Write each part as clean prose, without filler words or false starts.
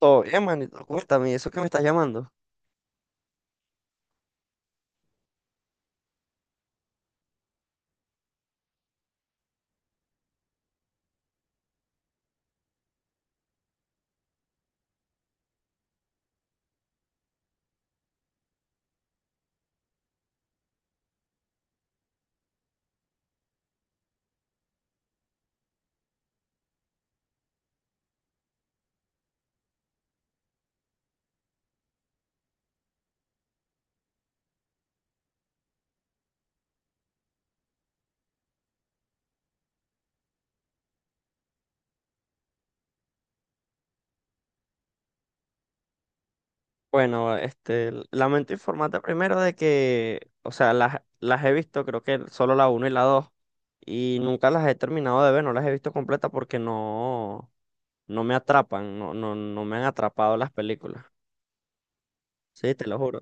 Todo bien, manito. Cuéntame, ¿eso que me estás llamando? Bueno, lamento informarte primero de que, o sea, las he visto, creo que solo la uno y la 2 y nunca las he terminado de ver, no las he visto completas porque no, no me atrapan, no, no, no me han atrapado las películas. Sí, te lo juro.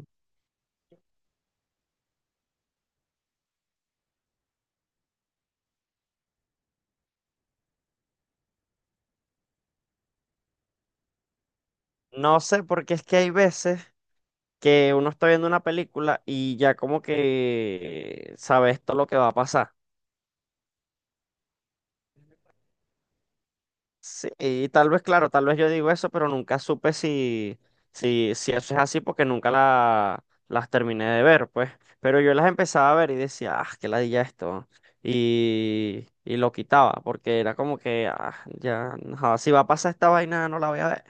No sé, porque es que hay veces que uno está viendo una película y ya como que sabe esto lo que va a pasar. Sí, y tal vez, claro, tal vez yo digo eso, pero nunca supe si eso es así porque nunca las terminé de ver, pues. Pero yo las empezaba a ver y decía, ah, qué ladilla esto. Y lo quitaba porque era como que, ah, ya, no, si va a pasar esta vaina, no la voy a ver.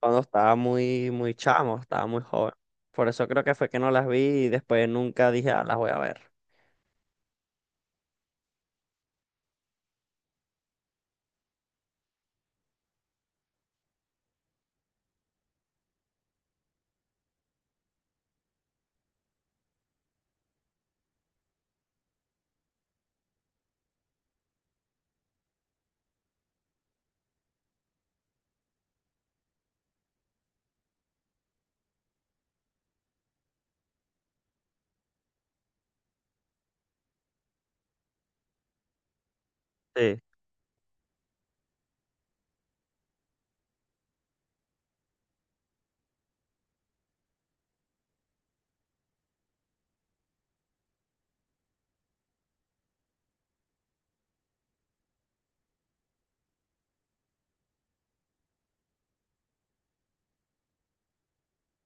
Cuando estaba muy, muy chamo, estaba muy joven. Por eso creo que fue que no las vi y después nunca dije, ah, las voy a ver. Sí,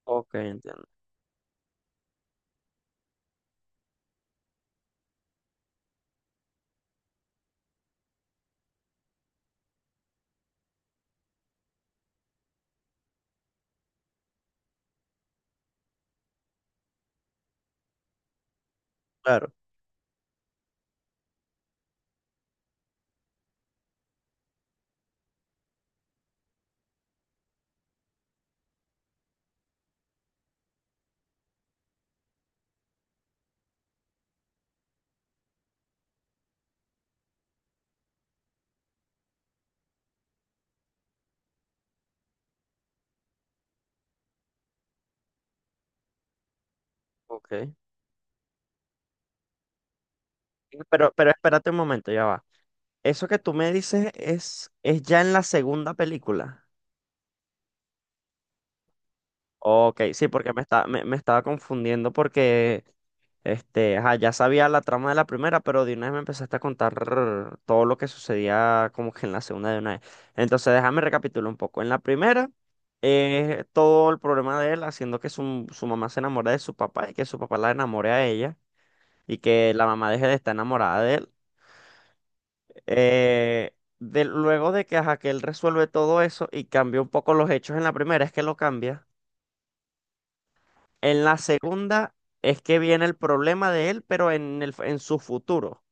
ok, entiendo. Claro, ok. Pero espérate un momento, ya va. Eso que tú me dices es ya en la segunda película. Ok, sí, porque me estaba confundiendo porque ajá, ya sabía la trama de la primera, pero de una vez me empezaste a contar todo lo que sucedía como que en la segunda de una vez. Entonces, déjame recapitular un poco. En la primera, todo el problema de él haciendo que su mamá se enamore de su papá y que su papá la enamore a ella y que la mamá deje de estar enamorada de él. Eh, luego de que, ajá, que él resuelve todo eso y cambia un poco los hechos en la primera, es que lo cambia. En la segunda es que viene el problema de él, pero en su futuro.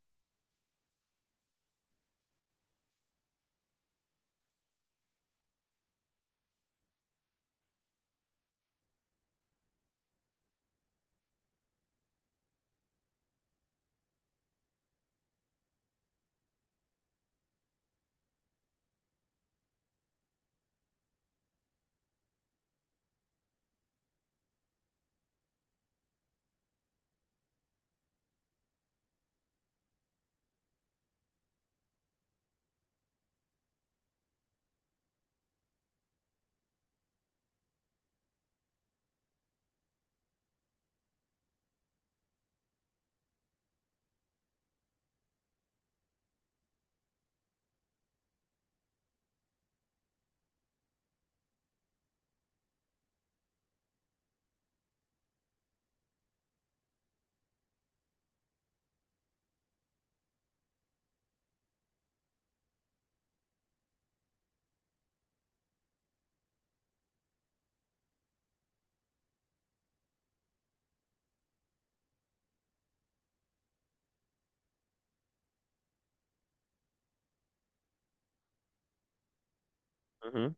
Ujú.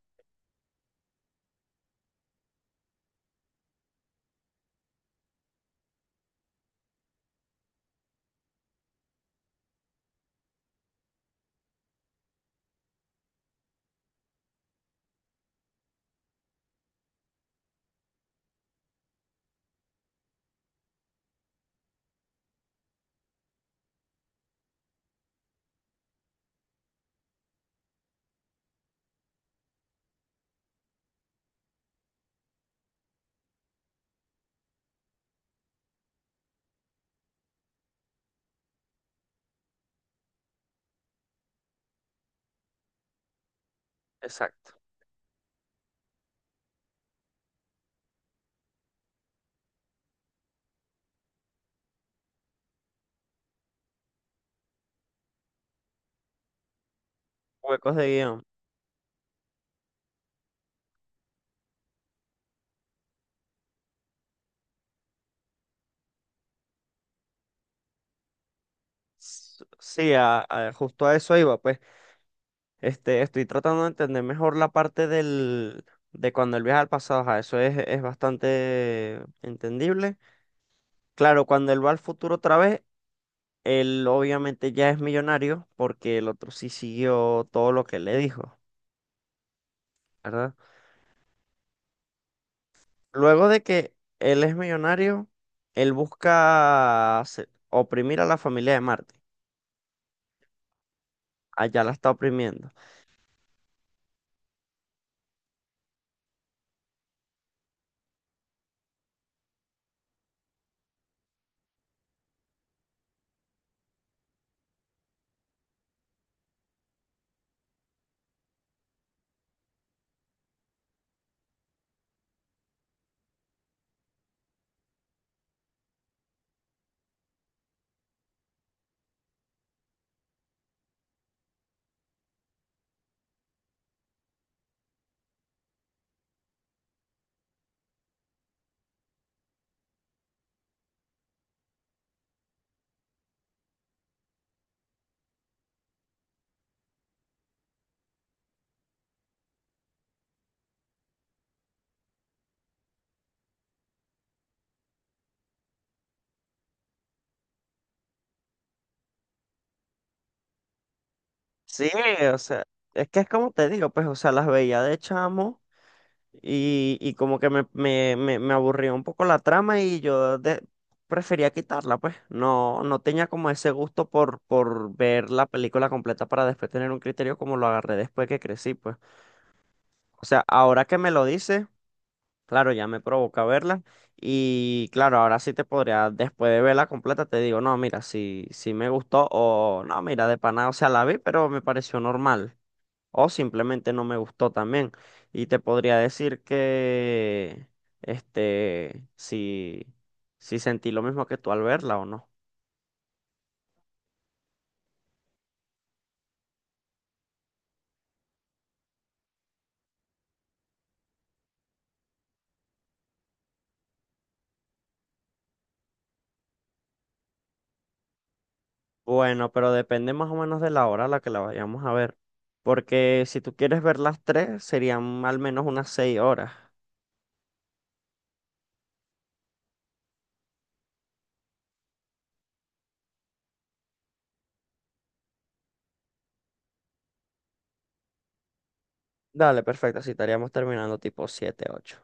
Exacto. Huecos de guión. Sí, justo a eso iba, pues. Estoy tratando de entender mejor la parte de cuando él viaja al pasado. Ajá, eso es bastante entendible. Claro, cuando él va al futuro otra vez, él obviamente ya es millonario porque el otro sí siguió todo lo que le dijo, ¿verdad? Luego de que él es millonario, él busca oprimir a la familia de Marte. Allá la está oprimiendo. Sí, o sea, es que es como te digo, pues, o sea, las veía de chamo. Y como que me aburrió un poco la trama y yo prefería quitarla, pues. No, no tenía como ese gusto por ver la película completa para después tener un criterio como lo agarré después que crecí, pues. O sea, ahora que me lo dice, claro, ya me provoca verla. Y claro, ahora sí te podría, después de verla completa, te digo, no, mira, si me gustó o no, mira, de pana, o sea, la vi, pero me pareció normal o simplemente no me gustó también. Y te podría decir que, este, si, si sentí lo mismo que tú al verla o no. Bueno, pero depende más o menos de la hora a la que la vayamos a ver. Porque si tú quieres ver las tres, serían al menos unas 6 horas. Dale, perfecto, así estaríamos terminando tipo siete, ocho.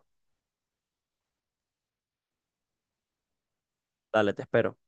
Dale, te espero.